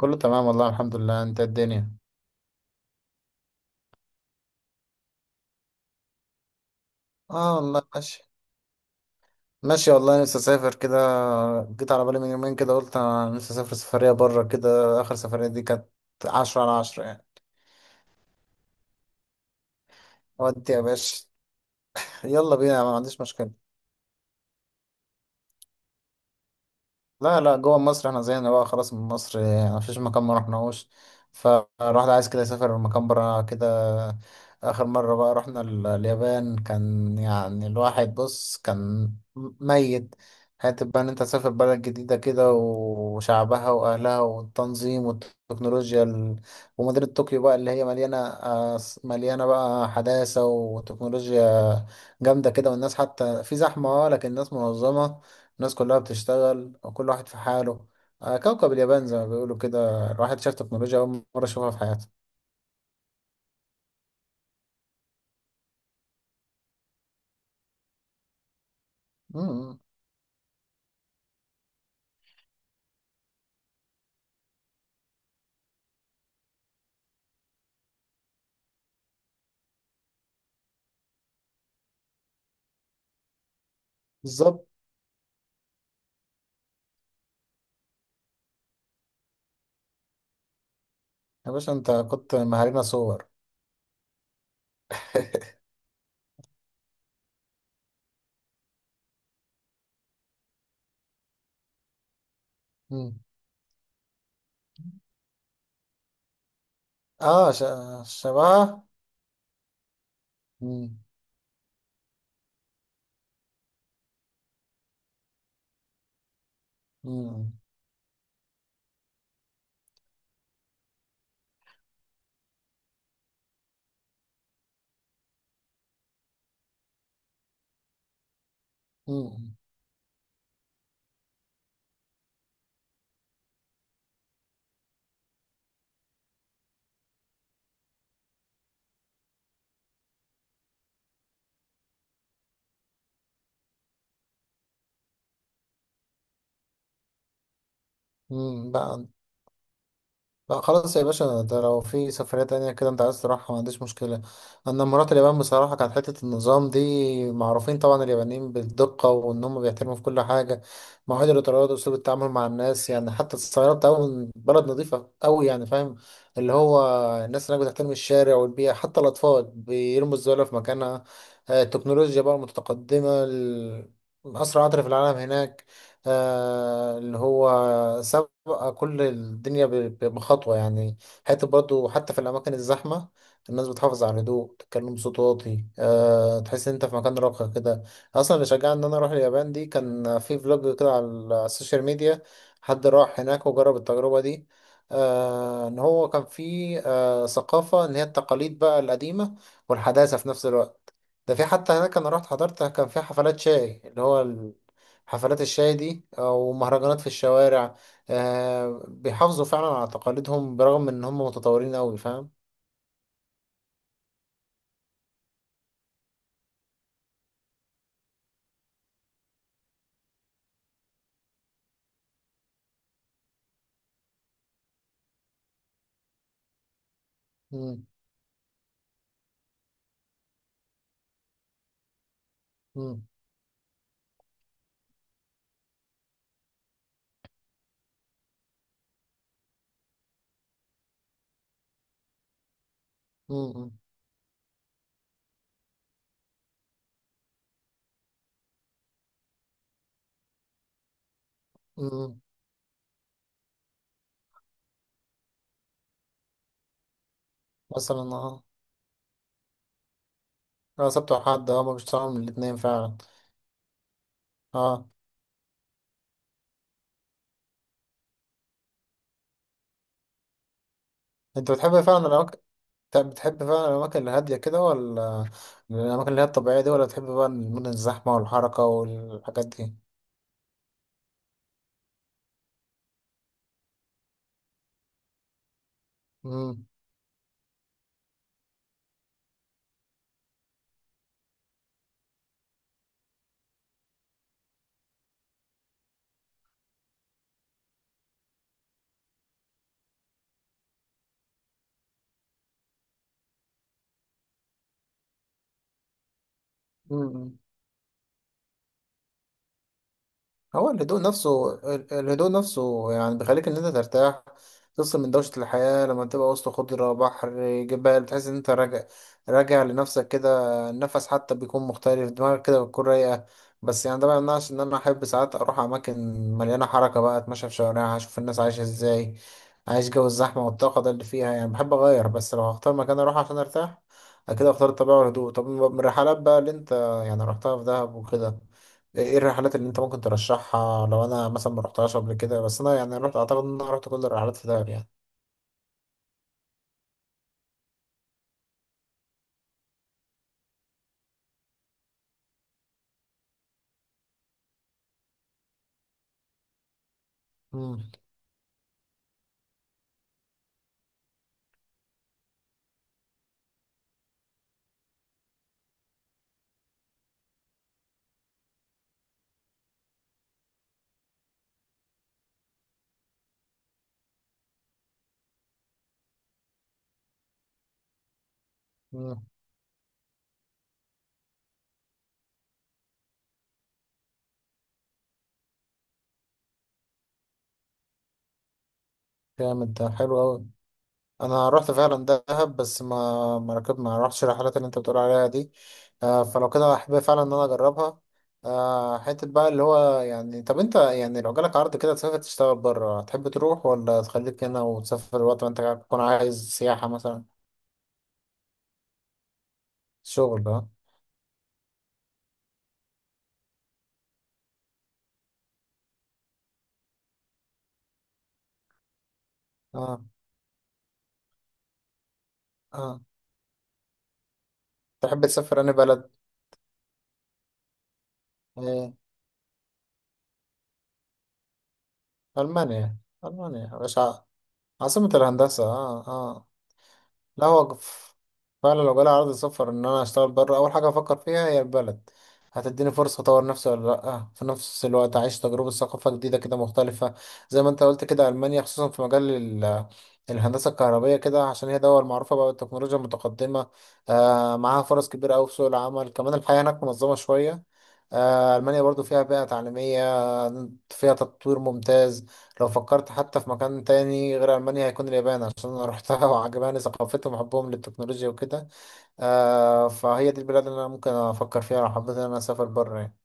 كله تمام والله، الحمد لله. انت إيه الدنيا؟ اه والله، ماشي. ماشي والله، نفسي اسافر كده. جيت على بالي من يومين كده، قلت انا نفسي اسافر سفرية بره كده. اخر سفرية دي كانت عشرة على عشرة يعني. ودي يا باشا، يلا بينا، ما عنديش مشكلة. لا، لا، جوه مصر. احنا زينا بقى خلاص من مصر، يعني مفيش مكان ما رحناهوش. فالواحد عايز كده يسافر مكان برا كده. اخر مرة بقى رحنا اليابان، كان يعني الواحد بص، كان ميت. حتى بقى ان انت تسافر بلد جديدة كده، وشعبها واهلها والتنظيم والتكنولوجيا ومدينة طوكيو بقى، اللي هي مليانة بقى حداثة وتكنولوجيا جامدة كده. والناس حتى في زحمة، لكن الناس منظمة. الناس كلها بتشتغل، وكل واحد في حاله. كوكب اليابان زي ما بيقولوا كده. الواحد شاف تكنولوجيا أول مرة يشوفها في حياته. مم. بالظبط. يا باشا، أنت كنت مهارينا صور. مم. آه ش... شبهها. مم. مم. مم. مم. بقى. لا، خلاص يا باشا. ده لو في سفرية تانية كده انت عايز تروحها، ما عنديش مشكلة. انا لما رحت اليابان بصراحة، كانت حتة النظام دي معروفين طبعا. اليابانيين بالدقة، وان هم بيحترموا في كل حاجة. مواعيد القطارات واسلوب التعامل مع الناس، يعني حتى الصيانة بتاعهم، بلد نظيفة قوي، يعني فاهم، اللي هو الناس هناك بتحترم الشارع والبيئة، حتى الأطفال بيرموا الزبالة في مكانها. التكنولوجيا بقى متقدمة. أسرع قطر في العالم هناك. اللي هو بقى كل الدنيا بخطوة يعني. حتى برضو، حتى في الأماكن الزحمة، الناس بتحافظ على الهدوء، تتكلم بصوت واطي. تحس إن أنت في مكان راقي كده. أصلا اللي شجعني إن أنا أروح اليابان دي، كان في فلوج كده على السوشيال ميديا. حد راح هناك وجرب التجربة دي. إن هو كان في ثقافة، إن هي التقاليد بقى القديمة والحداثة في نفس الوقت. ده في حتى هناك أنا رحت حضرت، كان في حفلات شاي اللي هو حفلات الشاي دي، ومهرجانات في الشوارع. بيحافظوا فعلا على تقاليدهم، برغم ان هم متطورين قوي، فاهم. مم. مم. مم. مم. مثلا، اه. اه، سبت وحد، اه، ما بيشتغلوا من الاتنين فعلا. اه. انت بتحب فعلا الاماكن؟ طب، بتحب فعلا الاماكن الهاديه كده، ولا الاماكن اللي هي الطبيعيه دي، ولا بتحب بقى المدن الزحمه والحركه والحاجات دي؟ مم. مم. هو الهدوء نفسه يعني بيخليك ان انت ترتاح. تفصل من دوشة الحياة، لما تبقى وسط خضرة، بحر، جبال، تحس ان انت راجع، راجع لنفسك كده. النفس حتى بيكون مختلف، دماغك كده بتكون رايقة. بس يعني ده ما يمنعش ان انا احب ساعات اروح اماكن مليانة حركة، بقى اتمشى في شوارعها، اشوف الناس عايشة ازاي، عايش جو الزحمة والطاقة ده اللي فيها، يعني بحب اغير. بس لو هختار مكان اروح عشان ارتاح، اكيد اختار الطبيعة والهدوء. طب، من الرحلات بقى اللي انت يعني رحتها في دهب وكده، إيه الرحلات اللي انت ممكن ترشحها، لو انا مثلا ما رحتهاش قبل كده؟ بس انا يعني رحت، اعتقد ان انا رحت كل الرحلات في دهب يعني. امم. امم. جامد، ده حلو قوي. انا رحت فعلا دهب، بس ما رحتش الرحلات اللي انت بتقول عليها دي. فلو كده، احب فعلا ان انا اجربها. حته بقى اللي هو يعني، طب انت يعني لو جالك عرض كده تسافر تشتغل بره، تحب تروح ولا تخليك هنا وتسافر وقت ما انت تكون عايز سياحه مثلا؟ شغل، اه. اه، اه. تحب تسافر انا بلد. إيه؟ ألمانيا. ألمانيا يا باشا. عاصمة الهندسة، اه، اه. لا هو فعلا لو جالي عرض سفر إن أنا أشتغل بره، أول حاجة أفكر فيها هي البلد. هتديني فرصة أطور نفسي ولا لأ؟ في نفس الوقت أعيش تجربة ثقافة جديدة كده مختلفة. زي ما أنت قلت كده، ألمانيا خصوصا في مجال الهندسة الكهربية كده، عشان هي دول معروفة بقى بالتكنولوجيا المتقدمة. معاها فرص كبيرة أوي في سوق العمل، كمان الحياة هناك منظمة شوية. ألمانيا برضو فيها بيئة تعليمية، فيها تطوير ممتاز. لو فكرت حتى في مكان تاني غير ألمانيا، هيكون اليابان، عشان أنا روحتها وعجباني ثقافتهم وحبهم للتكنولوجيا وكده. فهي دي البلاد اللي أنا ممكن أفكر فيها لو حبيت إن أنا أسافر بره يعني.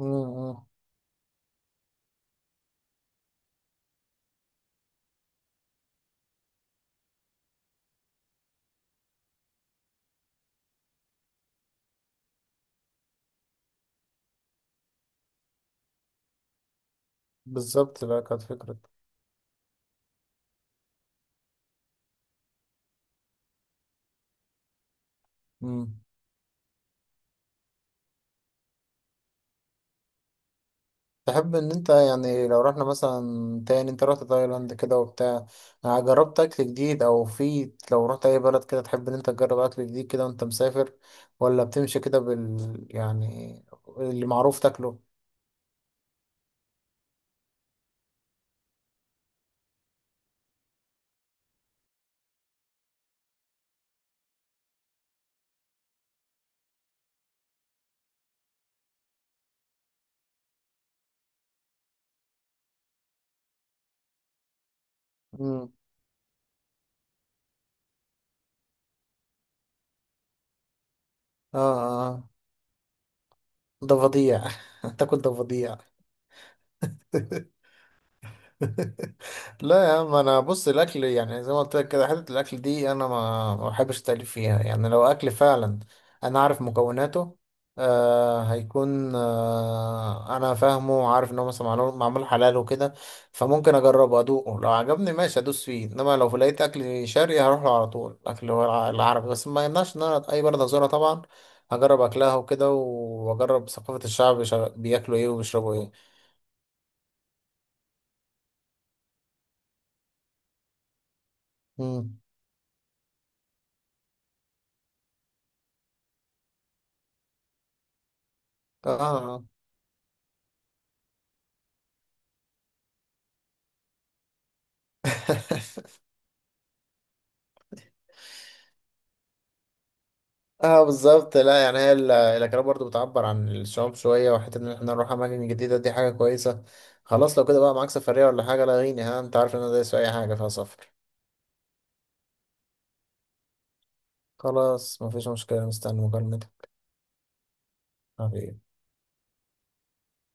أمم. بالظبط، بقى كانت فكرة. أمم. تحب إن أنت يعني لو رحنا مثلا، تاني أنت رحت تايلاند كده وبتاع، جربت أكل جديد؟ أو في لو رحت أي بلد كده، تحب إن أنت تجرب أكل جديد كده وأنت مسافر، ولا بتمشي كده يعني اللي معروف تاكله؟ أمم. اه، اه. ضفاديع. هتاكل ضفاديع؟ لا يا عم، انا بص، الاكل يعني زي ما قلت لك كده، حته الاكل دي انا ما بحبش التأليف فيها، يعني لو اكل فعلا، انا عارف مكوناته. هيكون، انا فاهمه وعارف ان هو مثلا معمول معمول حلال وكده، فممكن اجربه ادوقه، لو عجبني ماشي ادوس فيه. انما لو لقيت اكل شرقي هروح له على طول، اكل هو العربي. بس ما يمنعش ان انا اي بلد ازورها طبعا، هجرب اكلها وكده، واجرب ثقافة الشعب بياكلوا ايه وبيشربوا ايه. مم. اه اه. اه بالظبط. لا يعني هي الاكلات برضو بتعبر عن الشعوب شويه، وحته ان احنا نروح اماكن جديده دي حاجه كويسه. خلاص، لو كده بقى معاك سفريه ولا حاجه لاغيني، ها، انت عارف ان انا دايس في اي حاجه فيها سفر. خلاص، مفيش مشكله، مستني مكالمتك. حبيبي.